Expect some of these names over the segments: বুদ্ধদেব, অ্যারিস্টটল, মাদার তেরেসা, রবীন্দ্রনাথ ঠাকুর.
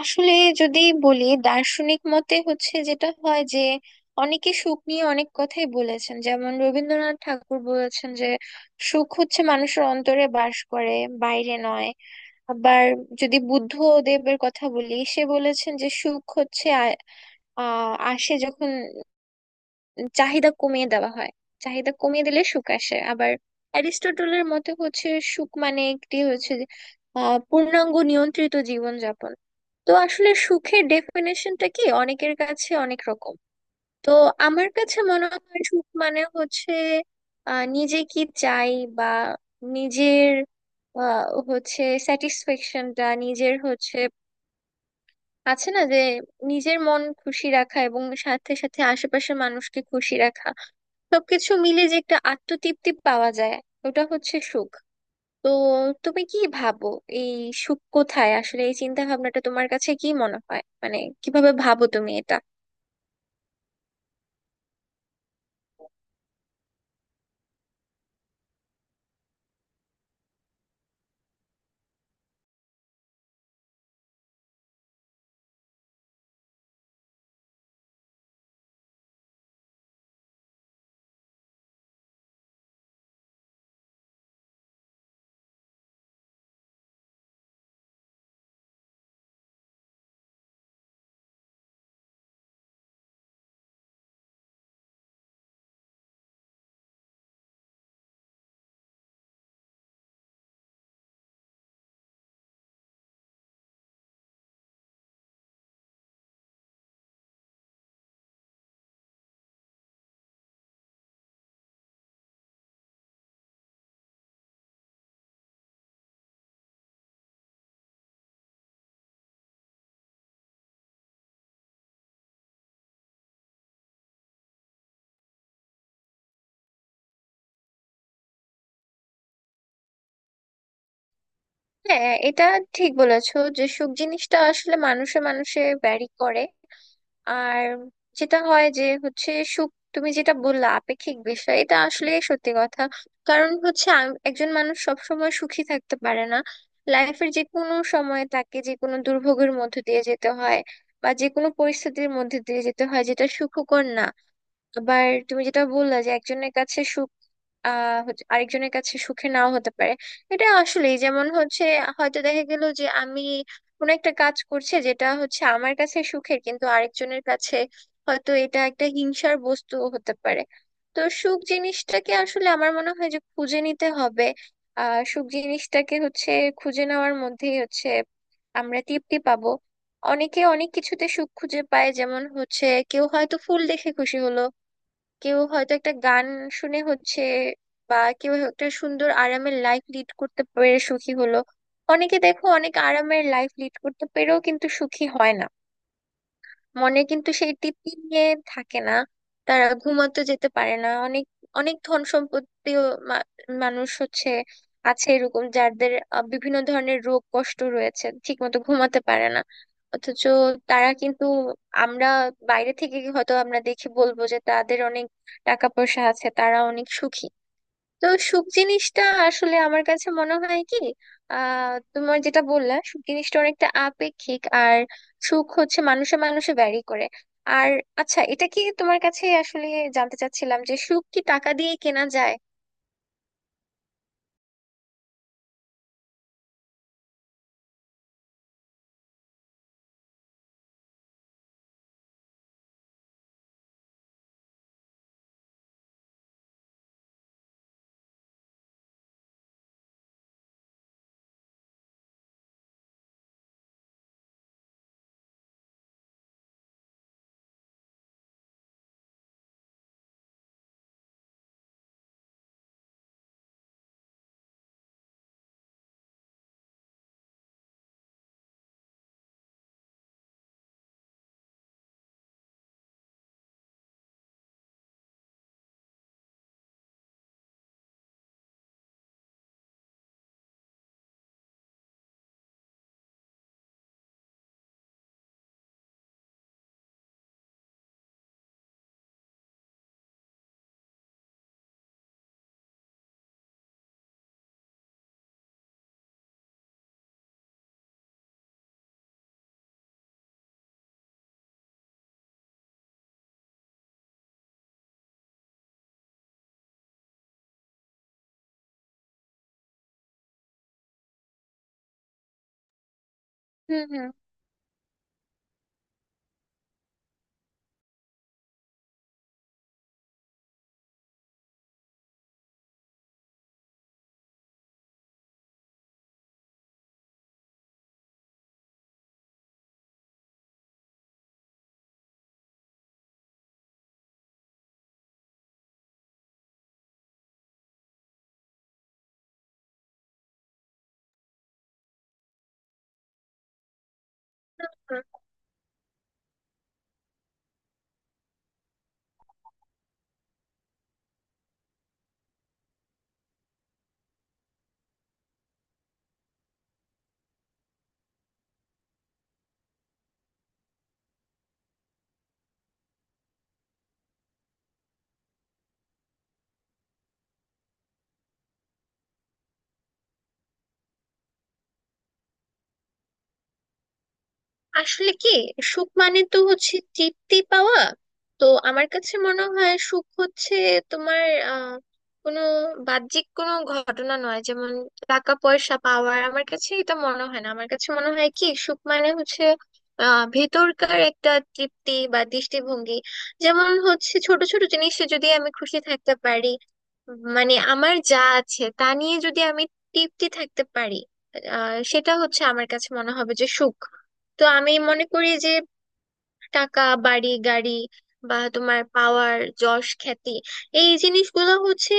আসলে যদি বলি দার্শনিক মতে হচ্ছে যেটা হয় যে অনেকে সুখ নিয়ে অনেক কথাই বলেছেন। যেমন রবীন্দ্রনাথ ঠাকুর বলেছেন যে সুখ হচ্ছে মানুষের অন্তরে বাস করে, বাইরে নয়। আবার যদি বুদ্ধদেবের কথা বলি, সে বলেছেন যে সুখ হচ্ছে আ- আহ আসে যখন চাহিদা কমিয়ে দেওয়া হয়। চাহিদা কমিয়ে দিলে সুখ আসে। আবার অ্যারিস্টটলের মতে হচ্ছে সুখ মানে একটি হচ্ছে যে, পূর্ণাঙ্গ নিয়ন্ত্রিত জীবন যাপন। তো আসলে সুখের ডেফিনেশনটা কি অনেকের কাছে অনেক রকম। তো আমার কাছে মনে হয় সুখ মানে হচ্ছে নিজে কি চাই, বা নিজের আহ হচ্ছে স্যাটিসফ্যাকশনটা নিজের হচ্ছে আছে না যে, নিজের মন খুশি রাখা এবং সাথে সাথে আশেপাশের মানুষকে খুশি রাখা, সবকিছু মিলে যে একটা আত্মতৃপ্তি পাওয়া যায়, ওটা হচ্ছে সুখ। তো তুমি কি ভাবো এই সুখ কোথায়? আসলে এই চিন্তা ভাবনাটা তোমার কাছে কি মনে হয়, মানে কিভাবে ভাবো তুমি এটা? হ্যাঁ, এটা ঠিক বলেছো যে সুখ জিনিসটা আসলে মানুষে মানুষে ভ্যারি করে। আর যেটা হয় যে হচ্ছে সুখ, তুমি যেটা বললা আপেক্ষিক বিষয়, এটা আসলে সত্যি কথা। কারণ হচ্ছে একজন মানুষ সব সময় সুখী থাকতে পারে না। লাইফের যে কোনো সময়ে তাকে যে কোনো দুর্ভোগের মধ্যে দিয়ে যেতে হয়, বা যে কোনো পরিস্থিতির মধ্যে দিয়ে যেতে হয় যেটা সুখকর না। আবার তুমি যেটা বললা যে একজনের কাছে সুখ আরেকজনের কাছে সুখে নাও হতে পারে। এটা আসলেই, যেমন হচ্ছে হয়তো দেখা গেল যে আমি কোনো একটা কাজ করছে যেটা হচ্ছে আমার কাছে সুখের, কিন্তু আরেকজনের কাছে হয়তো এটা একটা হিংসার বস্তু হতে পারে। তো সুখ জিনিসটাকে আসলে আমার মনে হয় যে খুঁজে নিতে হবে। সুখ জিনিসটাকে হচ্ছে খুঁজে নেওয়ার মধ্যেই হচ্ছে আমরা তৃপ্তি পাবো। অনেকে অনেক কিছুতে সুখ খুঁজে পায়, যেমন হচ্ছে কেউ হয়তো ফুল দেখে খুশি হলো, কেউ হয়তো একটা গান শুনে হচ্ছে, বা কেউ একটা সুন্দর আরামের লাইফ লিড করতে পেরে সুখী হলো। অনেকে দেখো অনেক আরামের লাইফ লিড করতে পেরেও কিন্তু সুখী হয় না, মনে কিন্তু সেই তৃপ্তি নিয়ে থাকে না। তারা ঘুমাতে যেতে পারে না। অনেক অনেক ধন সম্পত্তিও মা- মানুষ হচ্ছে আছে এরকম, যাদের বিভিন্ন ধরনের রোগ কষ্ট রয়েছে, ঠিকমতো ঘুমাতে পারে না। অথচ তারা কিন্তু আমরা বাইরে থেকে হয়তো আমরা দেখে বলবো যে তাদের অনেক টাকা পয়সা আছে, তারা অনেক সুখী। তো সুখ জিনিসটা আসলে আমার কাছে মনে হয় কি, তোমার যেটা বললা সুখ জিনিসটা অনেকটা আপেক্ষিক, আর সুখ হচ্ছে মানুষে মানুষে ভ্যারি করে। আর আচ্ছা, এটা কি তোমার কাছে আসলে, জানতে চাচ্ছিলাম যে সুখ কি টাকা দিয়ে কেনা যায়? হুম হুম। আসলে কি সুখ মানে তো হচ্ছে তৃপ্তি পাওয়া। তো আমার কাছে মনে হয় সুখ হচ্ছে তোমার আহ কোনো বাহ্যিক কোনো ঘটনা নয়, যেমন টাকা পয়সা পাওয়ার আমার কাছে এটা মনে হয় না, আমার কাছে মনে হয় কি সুখ মানে হচ্ছে ভেতরকার একটা তৃপ্তি বা দৃষ্টিভঙ্গি। যেমন হচ্ছে ছোট ছোট জিনিসে যদি আমি খুশি থাকতে পারি, মানে আমার যা আছে তা নিয়ে যদি আমি তৃপ্তি থাকতে পারি, সেটা হচ্ছে আমার কাছে মনে হবে যে সুখ। তো আমি মনে করি যে টাকা, বাড়ি, গাড়ি, বা তোমার পাওয়ার, যশ, খ্যাতি, এই জিনিসগুলো হচ্ছে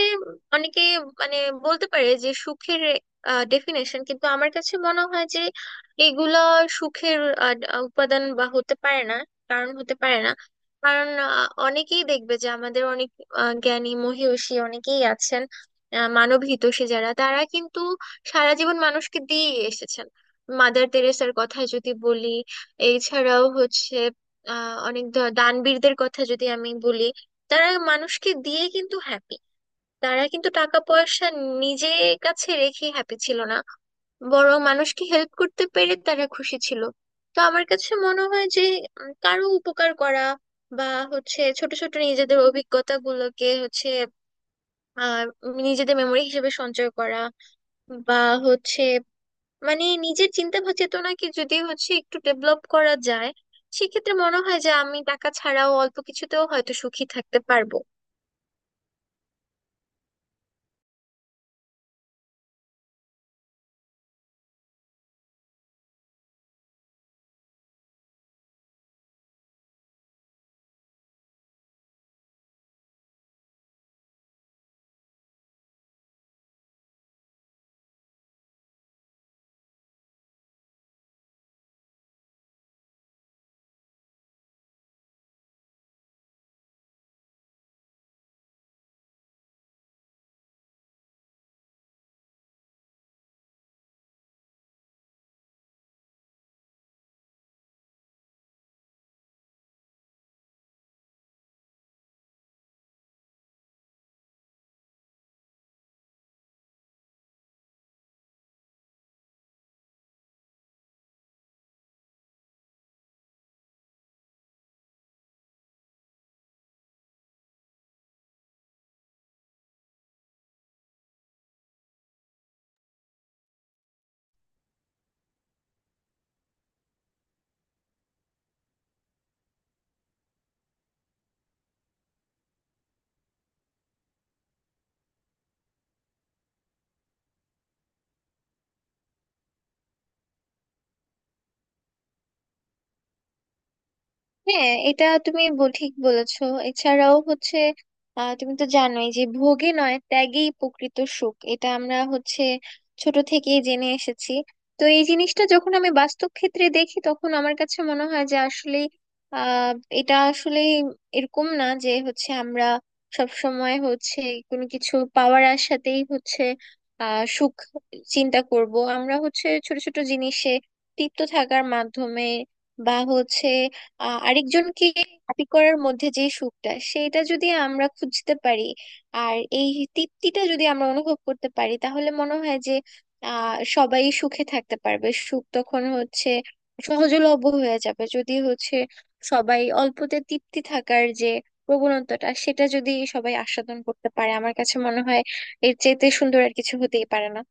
অনেকে মানে বলতে পারে যে সুখের ডেফিনেশন, কিন্তু আমার কাছে মনে হয় যে এগুলো সুখের আহ, আহ, উপাদান বা হতে পারে না। কারণ হতে পারে না কারণ অনেকেই দেখবে যে আমাদের অনেক জ্ঞানী মহীয়সী অনেকেই আছেন, মানব হিতৈষী যারা, তারা কিন্তু সারা জীবন মানুষকে দিয়ে এসেছেন। মাদার তেরেসার কথা যদি বলি, এছাড়াও হচ্ছে অনেক দানবীরদের কথা যদি আমি বলি, তারা মানুষকে দিয়ে কিন্তু হ্যাপি। তারা কিন্তু টাকা পয়সা নিজে কাছে রেখে হ্যাপি ছিল না, বড় মানুষকে হেল্প করতে পেরে তারা খুশি ছিল। তো আমার কাছে মনে হয় যে কারো উপকার করা, বা হচ্ছে ছোট ছোট নিজেদের অভিজ্ঞতা গুলোকে হচ্ছে আহ নিজেদের মেমরি হিসেবে সঞ্চয় করা, বা হচ্ছে মানে নিজের চিন্তা চেতনাকে যদি হচ্ছে একটু ডেভেলপ করা যায়, সেক্ষেত্রে মনে হয় যে আমি টাকা ছাড়াও অল্প কিছুতেও হয়তো সুখী থাকতে পারবো। হ্যাঁ, এটা তুমি ঠিক বলেছো। এছাড়াও হচ্ছে তুমি তো জানোই যে ভোগে নয় ত্যাগেই প্রকৃত সুখ, এটা আমরা হচ্ছে ছোট থেকেই জেনে এসেছি। তো এই জিনিসটা যখন আমি বাস্তব ক্ষেত্রে দেখি তখন আমার কাছে মনে হয় যে আসলে আহ এটা আসলে এরকম না যে হচ্ছে আমরা সব সময় হচ্ছে কোনো কিছু পাওয়ার আশাতেই হচ্ছে সুখ চিন্তা করব। আমরা হচ্ছে ছোট ছোট জিনিসে তৃপ্ত থাকার মাধ্যমে, বা হচ্ছে আরেকজনকে হ্যাপি করার মধ্যে যে সুখটা, সেটা যদি আমরা খুঁজতে পারি, আর এই তৃপ্তিটা যদি আমরা অনুভব করতে পারি, তাহলে মনে হয় যে সবাই সুখে থাকতে পারবে। সুখ তখন হচ্ছে সহজলভ্য হয়ে যাবে, যদি হচ্ছে সবাই অল্পতে তৃপ্তি থাকার যে প্রবণতাটা, সেটা যদি সবাই আস্বাদন করতে পারে, আমার কাছে মনে হয় এর চাইতে সুন্দর আর কিছু হতেই পারে না।